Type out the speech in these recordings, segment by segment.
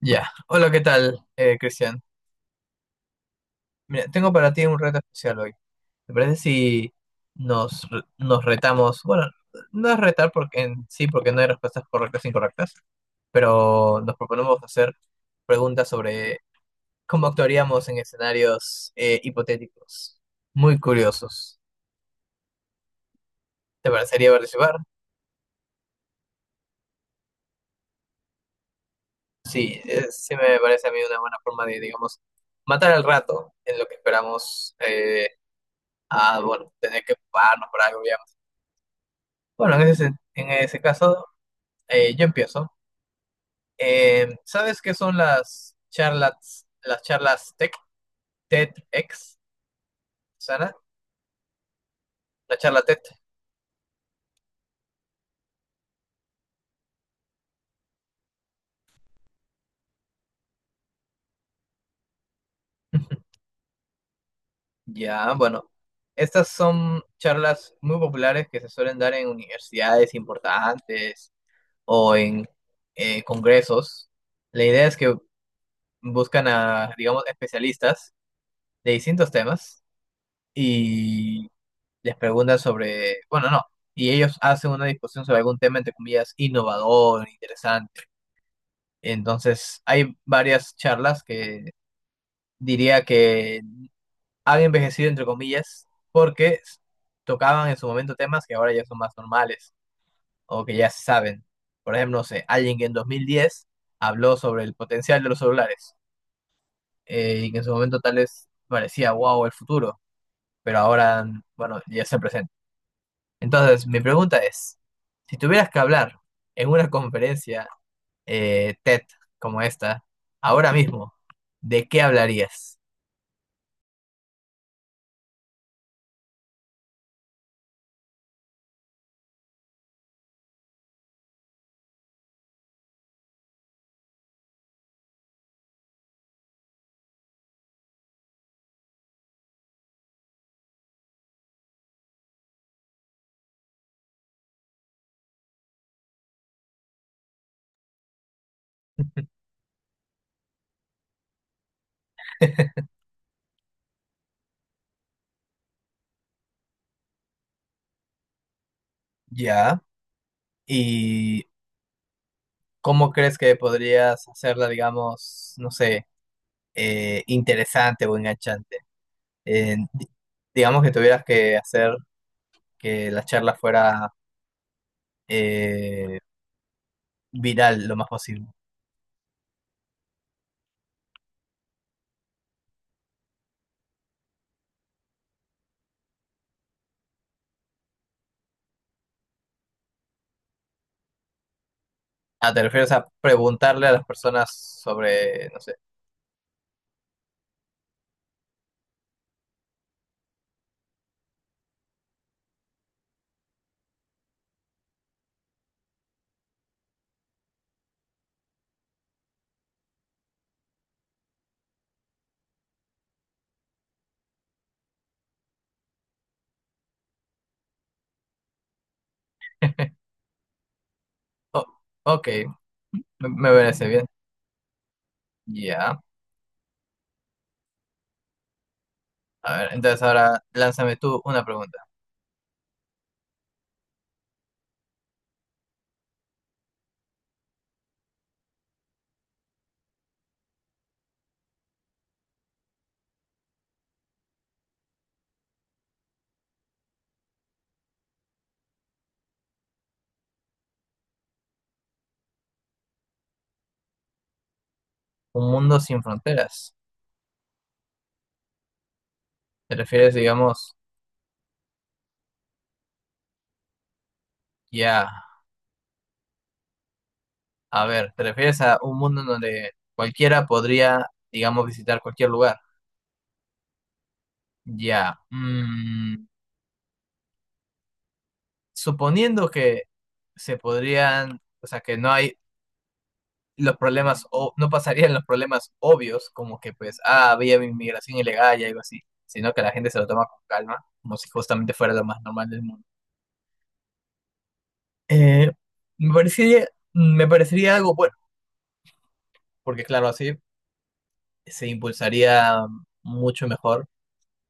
Ya, hola, ¿qué tal, Cristian? Mira, tengo para ti un reto especial hoy. ¿Te parece si nos retamos? Bueno, no es retar porque en sí, porque no hay respuestas correctas e incorrectas, pero nos proponemos hacer preguntas sobre cómo actuaríamos en escenarios hipotéticos, muy curiosos. ¿Te parecería participar? Sí, sí me parece a mí una buena forma de, digamos, matar al rato en lo que esperamos a, bueno, tener que pararnos por algo. Bueno, en ese caso, yo empiezo. ¿Sabes qué son las charlas tech, TEDx, Sana? La charla TED. Ya, bueno. Estas son charlas muy populares que se suelen dar en universidades importantes o en congresos. La idea es que buscan a, digamos, especialistas de distintos temas y les pregunta sobre, bueno, no, y ellos hacen una discusión sobre algún tema, entre comillas, innovador, interesante. Entonces, hay varias charlas que diría que han envejecido, entre comillas, tocaban en su momento temas que ahora ya son más normales o que ya se saben. Por ejemplo, no sé, alguien que en 2010 habló sobre el potencial de los celulares, y que en su momento tal vez parecía, wow, el futuro, pero ahora, bueno, ya se presenta. Entonces, mi pregunta es, si tuvieras que hablar en una conferencia TED como esta, ahora mismo, ¿de qué hablarías? Ya. ¿Y cómo crees que podrías hacerla, digamos, no sé, interesante o enganchante? Eh, di- digamos que tuvieras que hacer que la charla fuera eh, viral lo más posible. Ah, ¿te refieres a preguntarle a las personas sobre, no sé? Oh, ok. Me parece bien. Ya. A ver, entonces ahora lánzame tú una pregunta. Un mundo sin fronteras. ¿Te refieres, digamos, ya? A ver, ¿te refieres a un mundo en donde cualquiera podría, digamos, visitar cualquier lugar? Ya. Mm, suponiendo que se podrían, o sea, que no hay los problemas, o no pasarían los problemas obvios, como que pues, ah, había inmigración ilegal y algo así, sino que la gente se lo toma con calma, como si justamente fuera lo más normal del mundo. Eh, me parecería, me parecería algo bueno, porque claro, así se impulsaría mucho mejor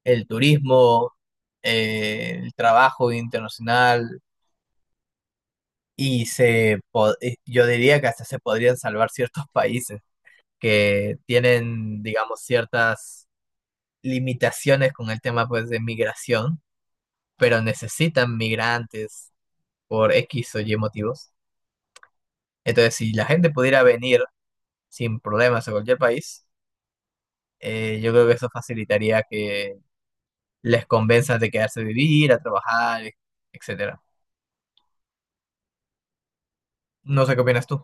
el turismo, el trabajo internacional yo diría que hasta se podrían salvar ciertos países que tienen, digamos, ciertas limitaciones con el tema pues de migración, pero necesitan migrantes por X o Y motivos. Entonces, si la gente pudiera venir sin problemas a cualquier país, yo creo que eso facilitaría que les convenzas de quedarse a vivir, a trabajar, etcétera. No sé qué opinas tú.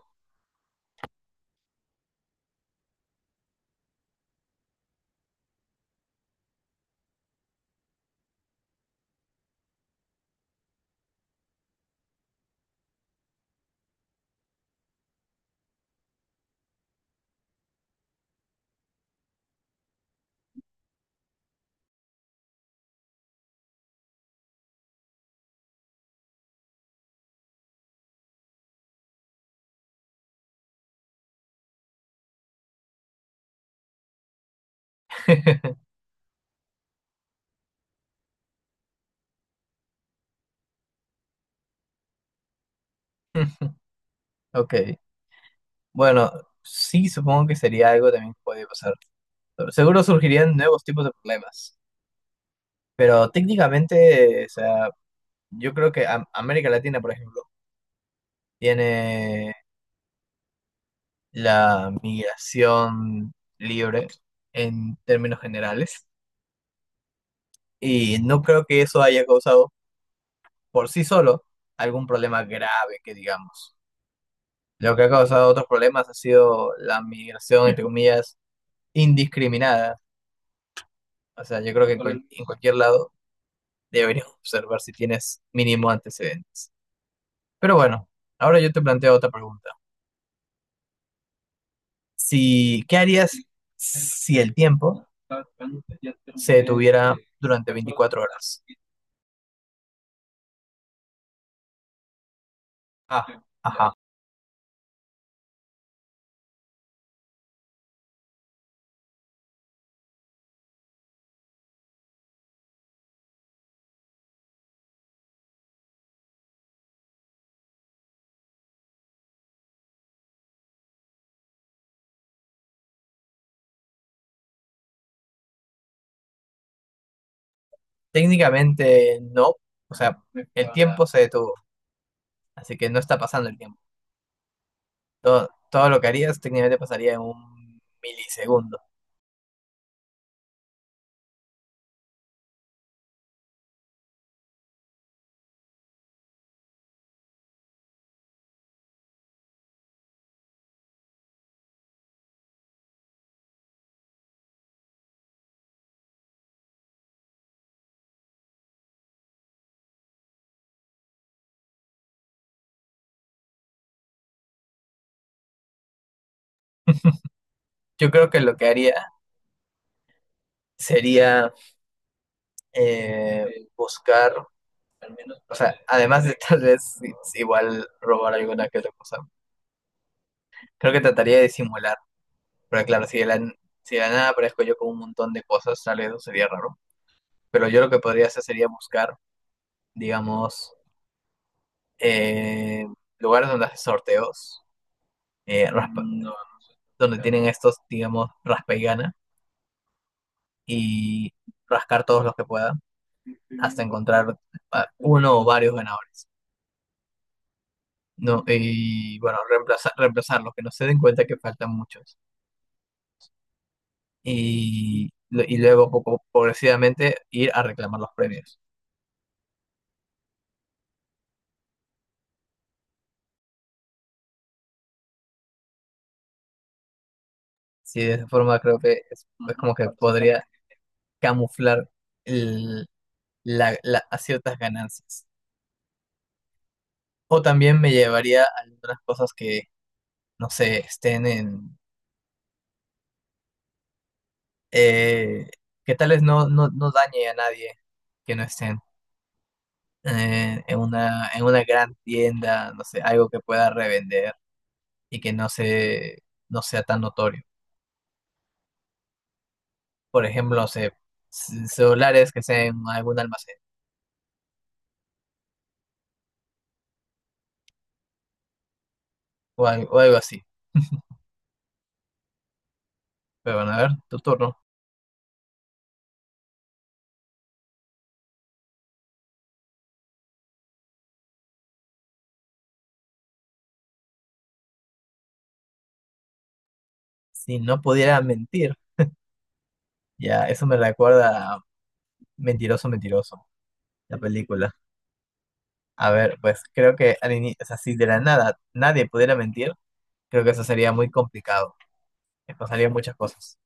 Ok, bueno, sí, supongo que sería algo también que podría pasar. Seguro surgirían nuevos tipos de problemas, pero técnicamente, o sea, yo creo que América Latina, por ejemplo, tiene la migración libre en términos generales y no creo que eso haya causado por sí solo algún problema grave, que digamos. Lo que ha causado otros problemas ha sido la migración, entre comillas, indiscriminada. O sea, yo creo que en cualquier lado deberías observar si tienes mínimo antecedentes. Pero bueno, ahora yo te planteo otra pregunta. Si, ¿qué harías si el tiempo se detuviera durante 24 horas? Ah, ajá. Técnicamente no. O sea, el tiempo se detuvo, así que no está pasando el tiempo. Todo lo que harías técnicamente pasaría en un milisegundo. Yo creo que lo que haría sería buscar, o sea, además de tal vez igual robar alguna que otra cosa, creo que trataría de simular. Pero claro, si de la nada aparezco yo con un montón de cosas, tal vez eso sería raro. Pero yo lo que podría hacer sería buscar, digamos, eh, lugares donde hacen sorteos, eh, raspa- donde tienen estos, digamos, raspa y gana, y rascar todos los que pueda hasta encontrar a uno o varios ganadores, ¿no? Y bueno, reemplazarlos, que no se den cuenta que faltan muchos. Y luego, poco, progresivamente, ir a reclamar los premios. Sí, de esa forma creo que es como que podría camuflar el- a ciertas ganancias. O también me llevaría a algunas cosas que, no sé, estén en... eh, que tales no dañe a nadie que no estén en una gran tienda, no sé, algo que pueda revender y que no sea tan notorio. Por ejemplo, no sé, celulares que sean en algún almacén o algo, así. Pero bueno, a ver, tu turno. Si no pudiera mentir, ya, eso me recuerda a Mentiroso, Mentiroso, la película. A ver, pues creo que o sea, si de la nada nadie pudiera mentir, creo que eso sería muy complicado. Me pasarían muchas cosas.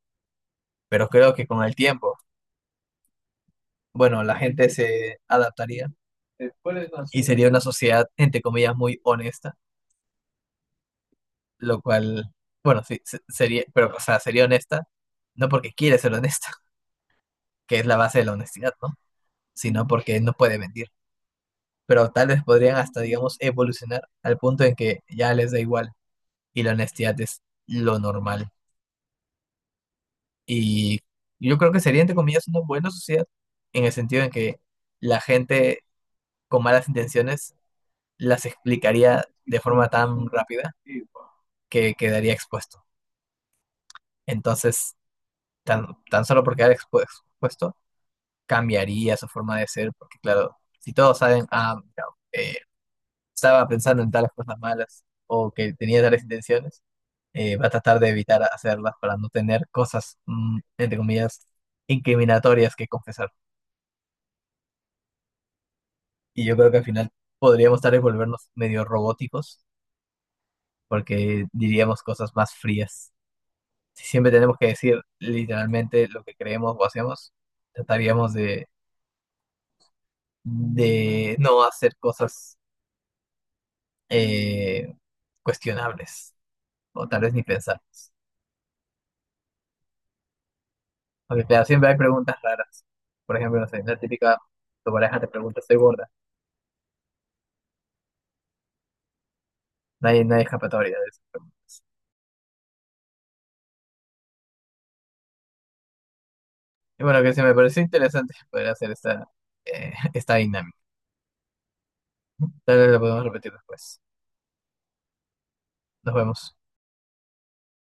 Pero creo que con el tiempo bueno, la gente se adaptaría y sería una sociedad, entre comillas, muy honesta, lo cual, bueno, sería, pero, o sea, sería honesta, no porque quiere ser honesta, que es la base de la honestidad, ¿no? Sino porque no puede mentir. Pero tal vez podrían hasta, digamos, evolucionar al punto en que ya les da igual y la honestidad es lo normal. Y yo creo que sería, entre comillas, una buena sociedad en el sentido en que la gente con malas intenciones las explicaría de forma tan rápida que quedaría expuesto. Entonces, tan solo por quedar expuesto, cambiaría su forma de ser, porque claro, si todos saben, ah, mira, eh, estaba pensando en tales cosas malas o que tenía tales intenciones, va a tratar de evitar hacerlas para no tener cosas, mm, entre comillas, incriminatorias que confesar. Y yo creo que al final podríamos tal vez volvernos medio robóticos, porque diríamos cosas más frías. Si siempre tenemos que decir literalmente lo que creemos o hacemos, trataríamos de no hacer cosas eh, cuestionables o tal vez ni pensarlas. Porque claro, siempre hay preguntas raras. Por ejemplo, no sé, la típica, tu pareja te pregunta, ¿estoy gorda? No hay escapatoria de eso. Y bueno, que se me pareció interesante poder hacer esta, esta dinámica. Tal vez lo podemos repetir después. Nos vemos.